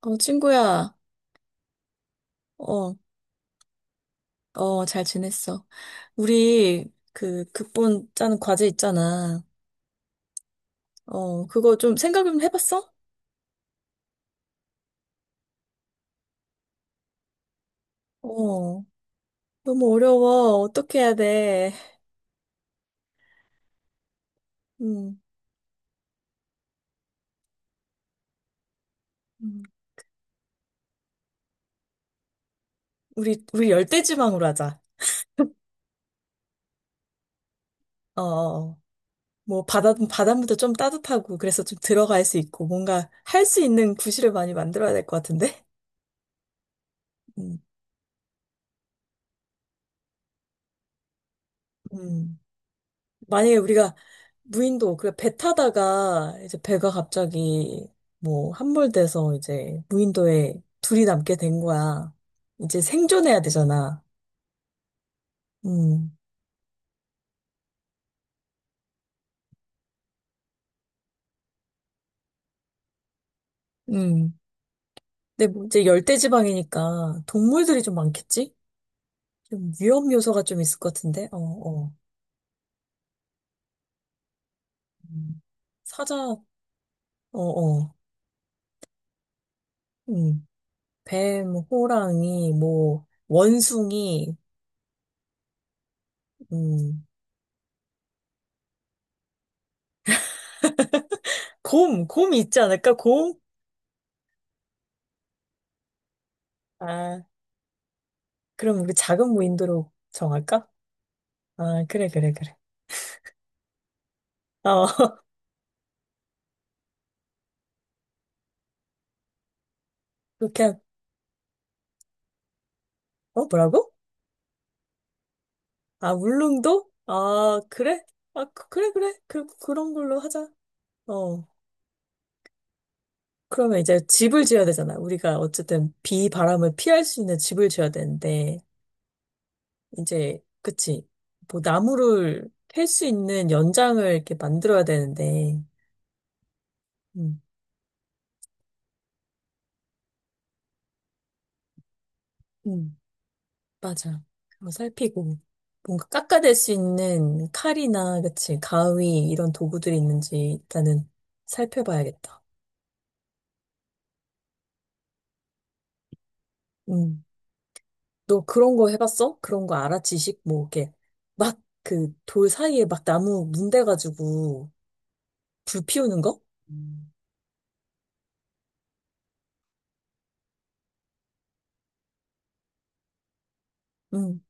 어, 친구야, 어, 어, 잘 지냈어. 우리, 그, 극본 짜는 과제 있잖아. 어, 그거 좀 생각 좀 해봤어? 어, 너무 어려워. 어떻게 해야 돼? 음, 음. 우리 열대지방으로 하자. 어, 어. 어. 뭐, 바닷물도 좀 따뜻하고, 그래서 좀 들어갈 수 있고, 뭔가 할 수 있는 구실을 많이 만들어야 될 것 같은데? 음, 음. 만약에 우리가 무인도, 그래, 배 타다가 이제 배가 갑자기 뭐 함몰돼서 이제 무인도에 둘이 남게 된 거야. 이제 생존해야 되잖아. 음, 음. 근데 뭐 이제 열대지방이니까 동물들이 좀 많겠지? 좀 위험 요소가 좀 있을 것 같은데? 어, 어. 음. 사자, 어, 어. 음. 뱀, 호랑이, 뭐, 원숭이, 음. 곰, 곰이 있지 않을까? 곰? 아, 그럼 우리 작은 무인도로 정할까? 아, 그래, 그래, 그래. 어, 그렇게, 하- 어, 뭐라고? 아, 울릉도? 아, 그래? 아, 그- 그래, 그래. 그, 그런 걸로 하자. 어. 그러면 이제 집을 지어야 되잖아. 우리가 어쨌든 비, 바람을 피할 수 있는 집을 지어야 되는데, 이제, 그치. 뭐, 나무를 캘 수 있는 연장을 이렇게 만들어야 되는데, 음, 음. 맞아. 한번 살피고 뭔가 깎아낼 수 있는 칼이나 그치 가위 이런 도구들이 있는지 일단은 살펴봐야겠다. 음. 너 그런 거 해봤어? 그런 거 알아? 지식 뭐 이렇게 막 그 돌 사이에 막 나무 문대가지고 불 피우는 거? 음. 음.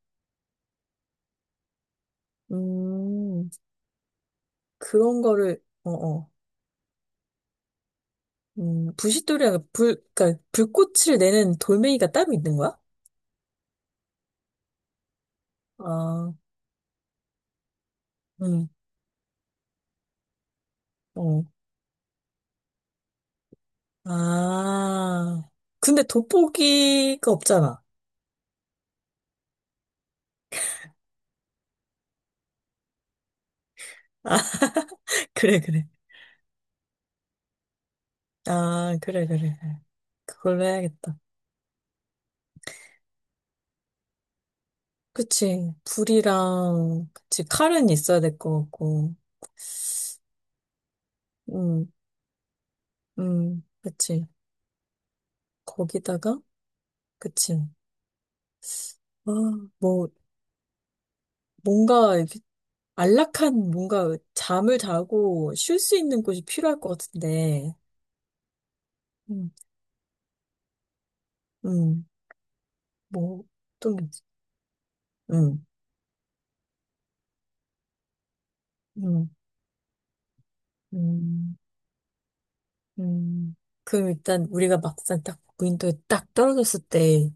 음. 그런 거를 어어. 음. 부싯돌이랑 그 불 그러니까 불꽃을 내는 돌멩이가 따로 있는 거야? 아. 음. 어. 아, 근데 돋보기가 없잖아. 아, 그래, 그래. 아, 그래, 그래. 그래. 그걸로 해야겠다. 그치. 불이랑, 그치. 칼은 있어야 될 것 같고. 음, 그치. 거기다가, 그치. 아, 뭐, 뭔가, 이렇게 안락한, 뭔가, 잠을 자고 쉴 수 있는 곳이 필요할 것 같은데. 음, 음, 뭐, 또, 음, 음, 음. 음, 그럼 일단 우리가 막상 딱 무인도에 딱 떨어졌을 때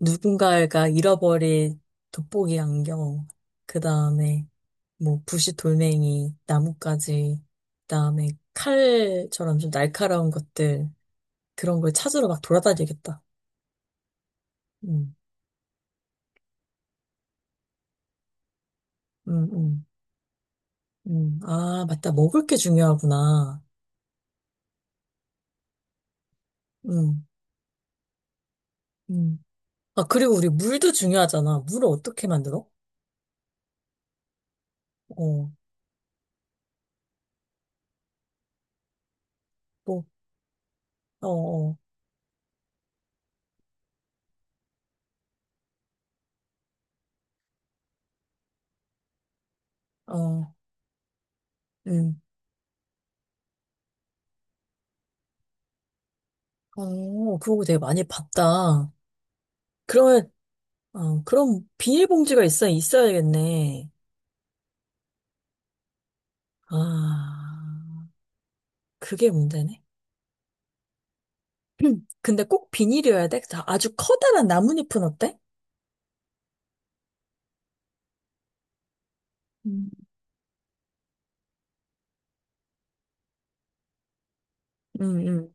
누군가가 잃어버린 돋보기 안경, 그 다음에 뭐 부시 돌멩이, 나뭇가지, 그 다음에 칼처럼 좀 날카로운 것들 그런 걸 찾으러 막 돌아다니겠다. 음, 음, 음, 아, 맞다. 먹을 게 중요하구나. 음, 음. 아, 그리고 우리 물도 중요하잖아. 물을 어떻게 만들어? 어, 뭐, 어, 어, 어, 음. 어, 그런 거 되게 많이 봤다. 그러면, 어, 그럼 있어야겠네. 아, 그게 문제네. 근데 꼭 비닐이어야 돼? 자, 아주 커다란 나뭇잎은 어때? 음. 응, 응.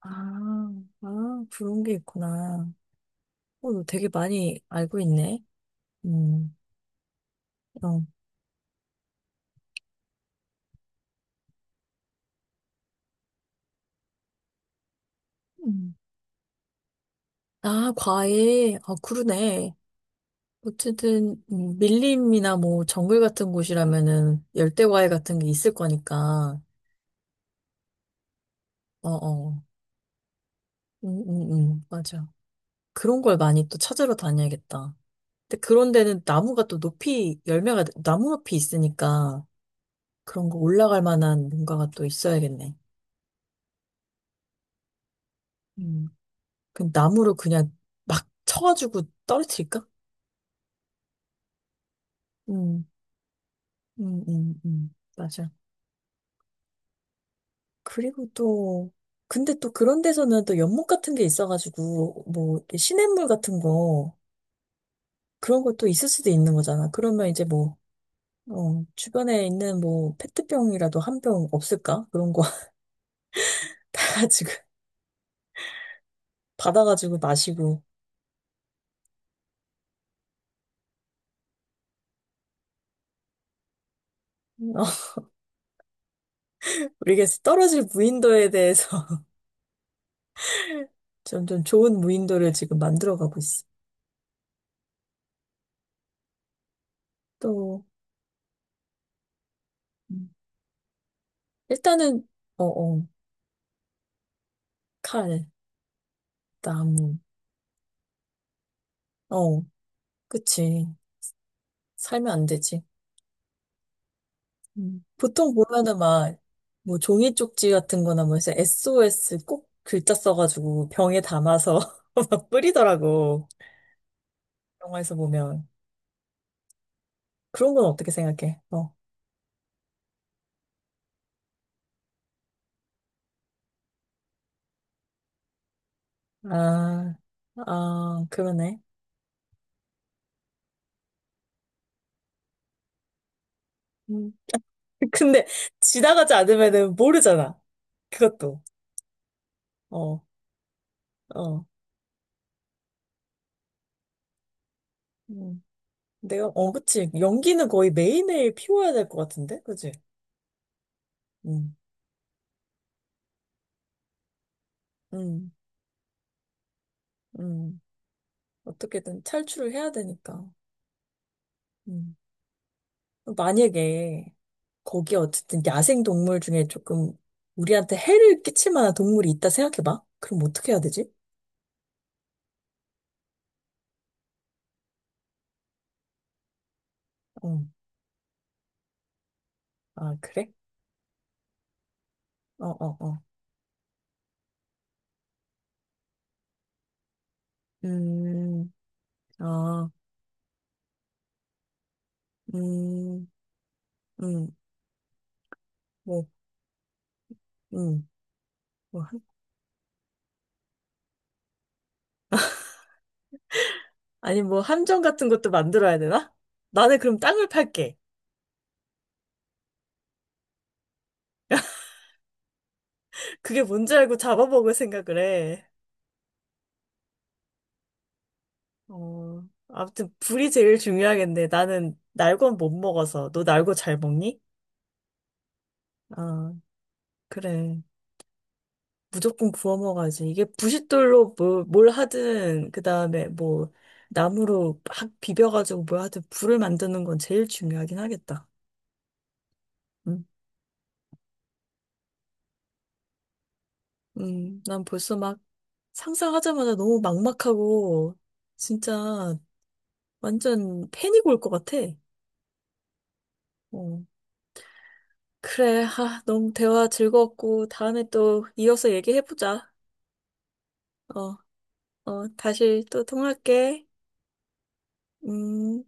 아, 아, 그런 게 있구나. 어, 너 되게 많이 알고 있네. 음, 어. 음. 아, 과일. 아, 그러네. 어쨌든, 밀림이나 뭐, 정글 같은 곳이라면은, 열대 과일 같은 게 있을 거니까. 어어. 응, 응, 응, 맞아. 그런 걸 많이 또 찾으러 다녀야겠다. 근데 그런 데는 나무가 또 높이, 열매가 나무 높이 있으니까 그런 거 올라갈 만한 뭔가가 또 있어야겠네. 음. 그럼 나무로 그냥 막 쳐가지고 떨어뜨릴까? 음, 맞아. 그리고 또, 근데 또 그런 데서는 또 연못 같은 게 있어가지고, 뭐, 이렇게 시냇물 같은 거, 그런 것도 있을 수도 있는 거잖아. 그러면 이제 뭐, 어, 주변에 있는 뭐 페트병이라도 한 병 없을까? 그런 거 다 가지고 받아가지고 마시고 어, 우리가 떨어질 무인도에 대해서 점점 좋은 무인도를 지금 만들어가고 있어. 또 음, 일단은 어어 칼, 나무, 어 그치 살면 안 되지. 음. 보통 보면은 막 뭐 종이 쪽지 같은 거나 뭐 해서 SOS 꼭 글자 써가지고 병에 담아서 막 뿌리더라고. 영화에서 보면. 그런 건 어떻게 생각해? 어. 아, 아, 그러네. 음. 근데 지나가지 않으면은 모르잖아. 그것도. 어, 어. 음. 내가, 어, 그치. 연기는 거의 매일매일 피워야 될 것 같은데? 그치? 음, 음, 음. 어떻게든 탈출을 해야 되니까. 음. 만약에 거기 어쨌든 야생 동물 중에 조금 우리한테 해를 끼칠 만한 동물이 있다 생각해봐. 그럼 어떻게 해야 되지? 어. 아, 그래? 어, 어, 어. 음. 아, 음, 음, 뭐, 음, 뭐, 한- 아니, 뭐, 함정 같은 것도 만들어야 되나? 나는 그럼 땅을 팔게. 그게 뭔지 알고 잡아먹을 생각을 해. 어, 아무튼, 불이 제일 중요하겠네. 나는 날건 못 먹어서. 너 날고 잘 먹니? 아, 그래. 무조건 구워 먹어야지. 이게 부싯돌로 뭐, 뭘 하든, 그 다음에 뭐, 나무로 막 비벼가지고 뭘 하든 불을 만드는 건 제일 중요하긴 하겠다. 음, 난 벌써 막, 상상하자마자 너무 막막하고, 진짜 완전 패닉 올 것 같아. 어. 그래, 아, 너무 대화 즐거웠고, 다음에 또 이어서 얘기해보자. 어, 어, 다시 또 통화할게. 음.